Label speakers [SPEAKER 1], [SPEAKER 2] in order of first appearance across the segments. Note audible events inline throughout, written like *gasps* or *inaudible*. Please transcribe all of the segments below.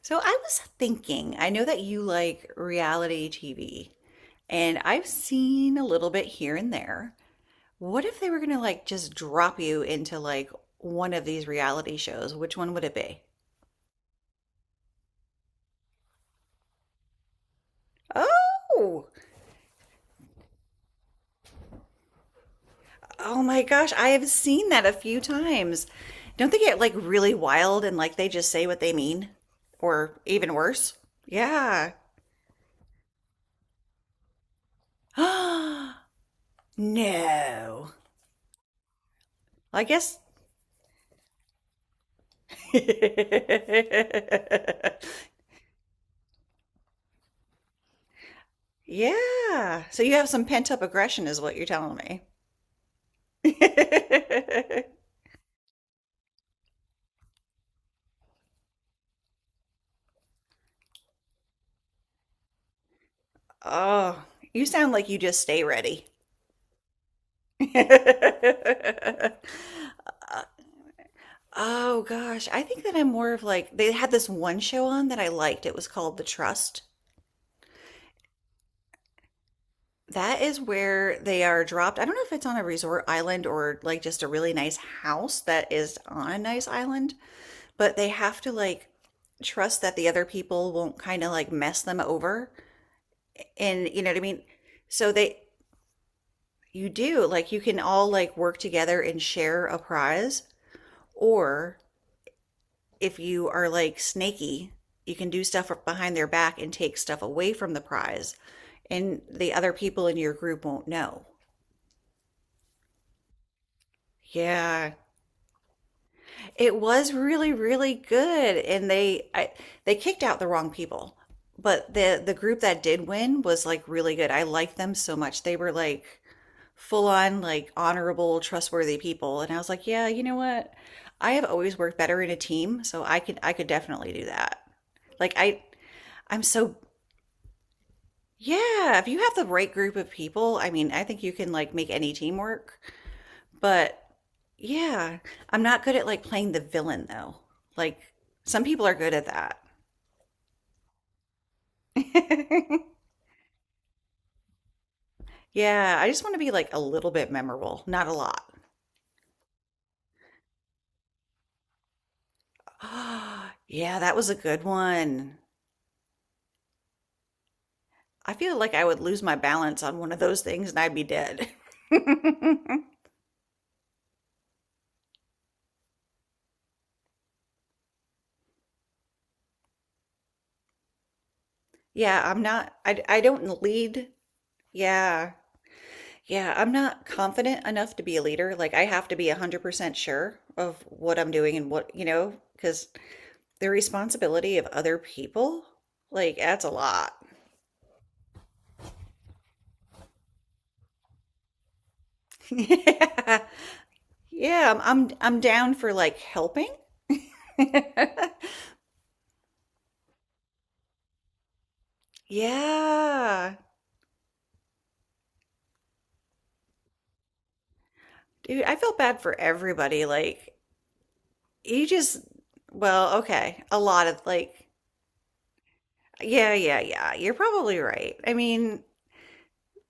[SPEAKER 1] So I was thinking, I know that you like reality TV, and I've seen a little bit here and there. What if they were gonna like just drop you into like one of these reality shows? Which one would it be? Oh, oh my gosh, I have seen that a few times. Don't they get like really wild and like they just say what they mean? Or even worse? Yeah. *gasps* No. I guess. *laughs* Yeah. So you have some pent up aggression, is what you're telling me. *laughs* Oh, you sound like you just stay ready. *laughs* Oh gosh, I think that I'm more of like they had this one show on that I liked. It was called The Trust. That is where they are dropped. I don't know if it's on a resort island or like just a really nice house that is on a nice island, but they have to like trust that the other people won't kind of like mess them over. And you know what I mean? So they, you do like you can all like work together and share a prize or if you are like snaky, you can do stuff behind their back and take stuff away from the prize and the other people in your group won't know. Yeah, it was really really good and they they kicked out the wrong people. But the group that did win was like really good. I liked them so much. They were like full on like honorable, trustworthy people. And I was like, yeah, you know what? I have always worked better in a team, so I could definitely do that. Like I I'm so yeah, if you have the right group of people, I mean, I think you can like make any team work. But yeah, I'm not good at like playing the villain though. Like some people are good at that. *laughs* Yeah, I just want to be like a little bit memorable, not a lot. *gasps* Yeah, that was a good one. I feel like I would lose my balance on one of those things and I'd be dead. *laughs* Yeah, I'm not, I don't lead. Yeah. Yeah, I'm not confident enough to be a leader. Like, I have to be 100% sure of what I'm doing and what, you know, because the responsibility of other people, like, that's a lot. *laughs* Yeah. Yeah, I'm down for like helping. *laughs* Yeah. Dude, I felt bad for everybody like you just well okay a lot of like yeah yeah yeah you're probably right I mean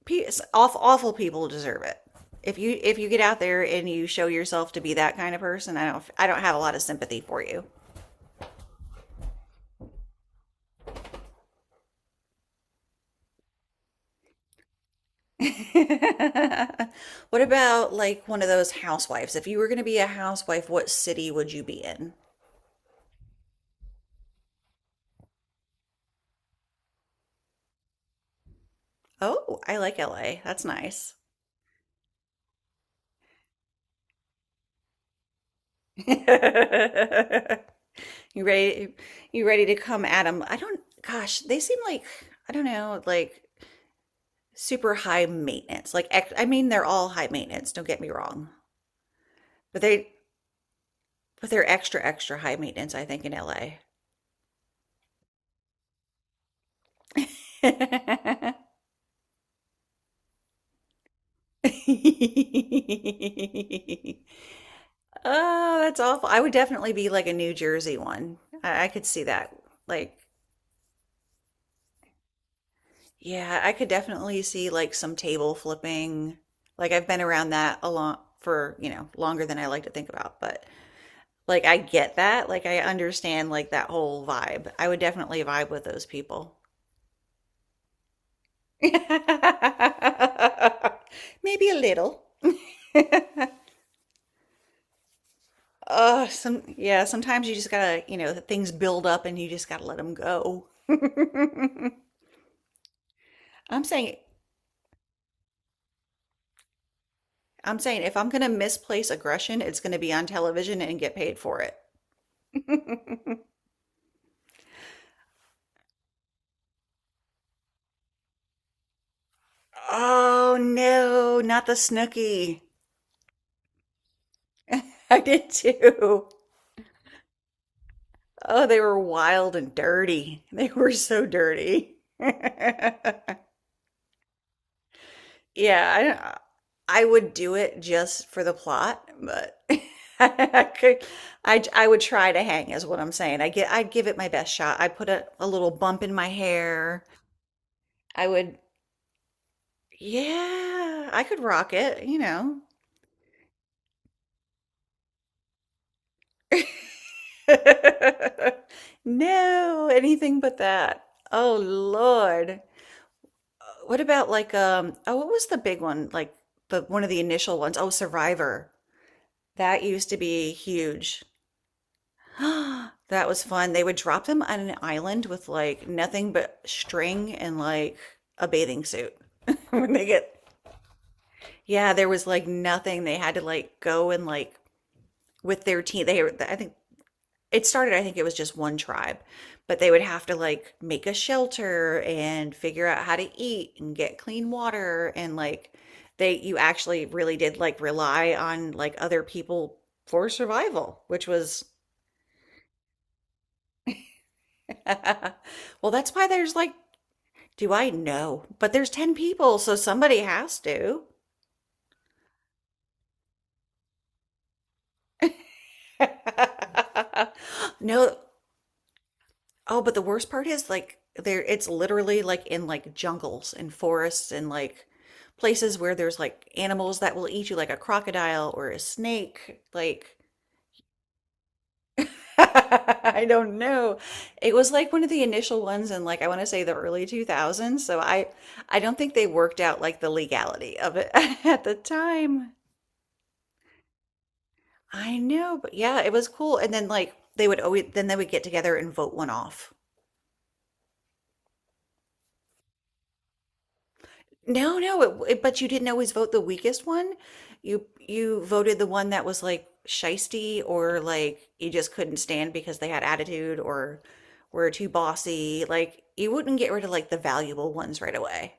[SPEAKER 1] awful, awful people deserve it if you get out there and you show yourself to be that kind of person I don't have a lot of sympathy for you. *laughs* What about like one of those housewives, if you were going to be a housewife what city would you be in? Oh I like LA, that's nice. *laughs* You ready? You ready to come at them? I don't. Gosh, they seem like I don't know, like super high maintenance. Like I mean, they're all high maintenance. Don't get me wrong, but they're extra extra high maintenance. I think in LA. *laughs* Oh, that's awful. I would definitely be like a New Jersey one. I could see that. Like yeah, I could definitely see like some table flipping. Like I've been around that a lot for, you know, longer than I like to think about, but like I get that. Like I understand like that whole vibe. I would definitely vibe with those people. *laughs* Maybe a little. Some Yeah, sometimes you just gotta, you know, things build up and you just gotta let them go. *laughs* I'm saying, I'm saying if I'm gonna misplace aggression, it's gonna be on television and get paid for it. Oh no, not the Snooky. *laughs* I did too. Oh, they were wild and dirty. *laughs* They were so dirty. *laughs* Yeah, I, I would do it just for the plot, but *laughs* I could, I would try to hang is what I'm saying. I'd give it my best shot. I'd put a little bump in my hair. I would, yeah, I could rock it, you know. *laughs* No, anything but that. Oh Lord. What about like oh what was the big one? Like the one of the initial ones. Oh, Survivor. That used to be huge. *gasps* That was fun. They would drop them on an island with like nothing but string and like a bathing suit. *laughs* When they get yeah, there was like nothing. They had to like go and like with their team. They I think it started, I think it was just one tribe but they would have to like make a shelter and figure out how to eat and get clean water and like they, you actually really did like rely on like other people for survival, which was *laughs* well that's why there's like, do I know, but there's 10 people so somebody has to. *laughs* No. Oh, but the worst part is like there it's literally like in like jungles and forests and like places where there's like animals that will eat you like a crocodile or a snake. Like *laughs* I don't know. It was like one of the initial ones in like I want to say the early 2000s, so I don't think they worked out like the legality of it *laughs* at the time. I know, but yeah, it was cool. And then like they would always then they would get together and vote one off. No, no, it, but you didn't always vote the weakest one. You voted the one that was like shisty or like you just couldn't stand because they had attitude or were too bossy. Like you wouldn't get rid of like the valuable ones right away.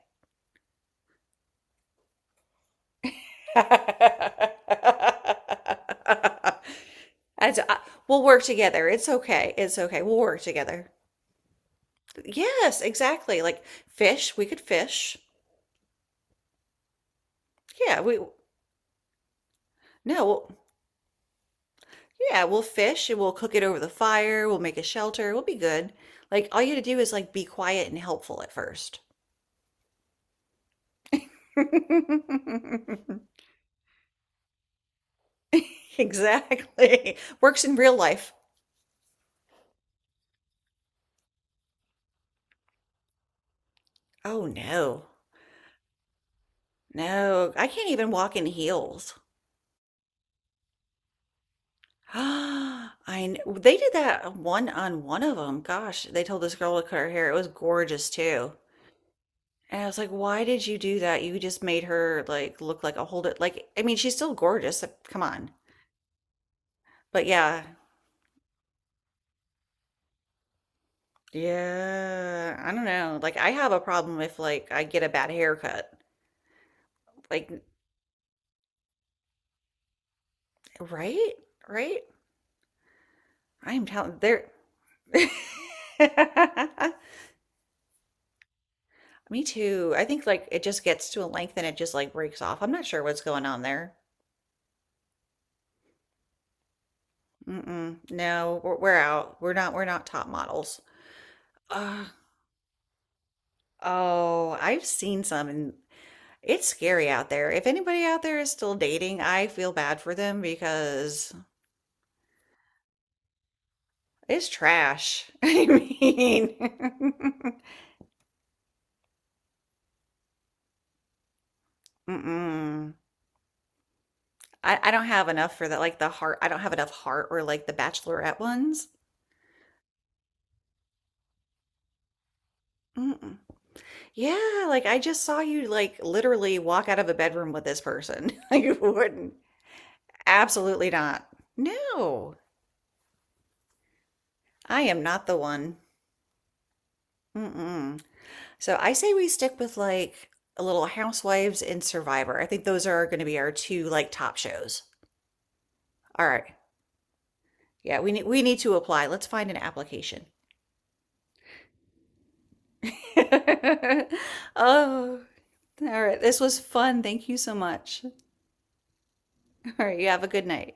[SPEAKER 1] *laughs* And so, I- we'll work together. It's okay. It's okay. We'll work together. Yes, exactly. Like fish, we could fish. Yeah, we No. Yeah, we'll fish and we'll cook it over the fire. We'll make a shelter. We'll be good. Like all you have to do is like be quiet and helpful at first. *laughs* Exactly. Works in real life. Oh no. No, I can't even walk in heels. *gasps* They did that one on one of them. Gosh, they told this girl to cut her hair. It was gorgeous too. And I was like, why did you do that? You just made her like look like a hold it. Like, I mean, she's still gorgeous. Come on. But yeah, yeah, I don't know. Like I have a problem if like I get a bad haircut. Like right? Right? I am telling there *laughs* me too. I think like it just gets to a length and it just like breaks off. I'm not sure what's going on there. Mm-mm. No, we're out. We're not top models. Ugh. Oh, I've seen some and it's scary out there. If anybody out there is still dating, I feel bad for them because it's trash. *laughs* I mean, *laughs* mm-mm. I don't have enough for that. Like the heart, I don't have enough heart or like the bachelorette ones. Mm-mm. Yeah, like I just saw you like literally walk out of a bedroom with this person. *laughs* You wouldn't. Absolutely not. No, I am not the one. Mm-mm. So I say we stick with like a little Housewives and Survivor. I think those are going to be our two like top shows. All right. Yeah, we need to apply. Let's find an application. *laughs* Oh, all right. This was fun. Thank you so much. All right. You have a good night.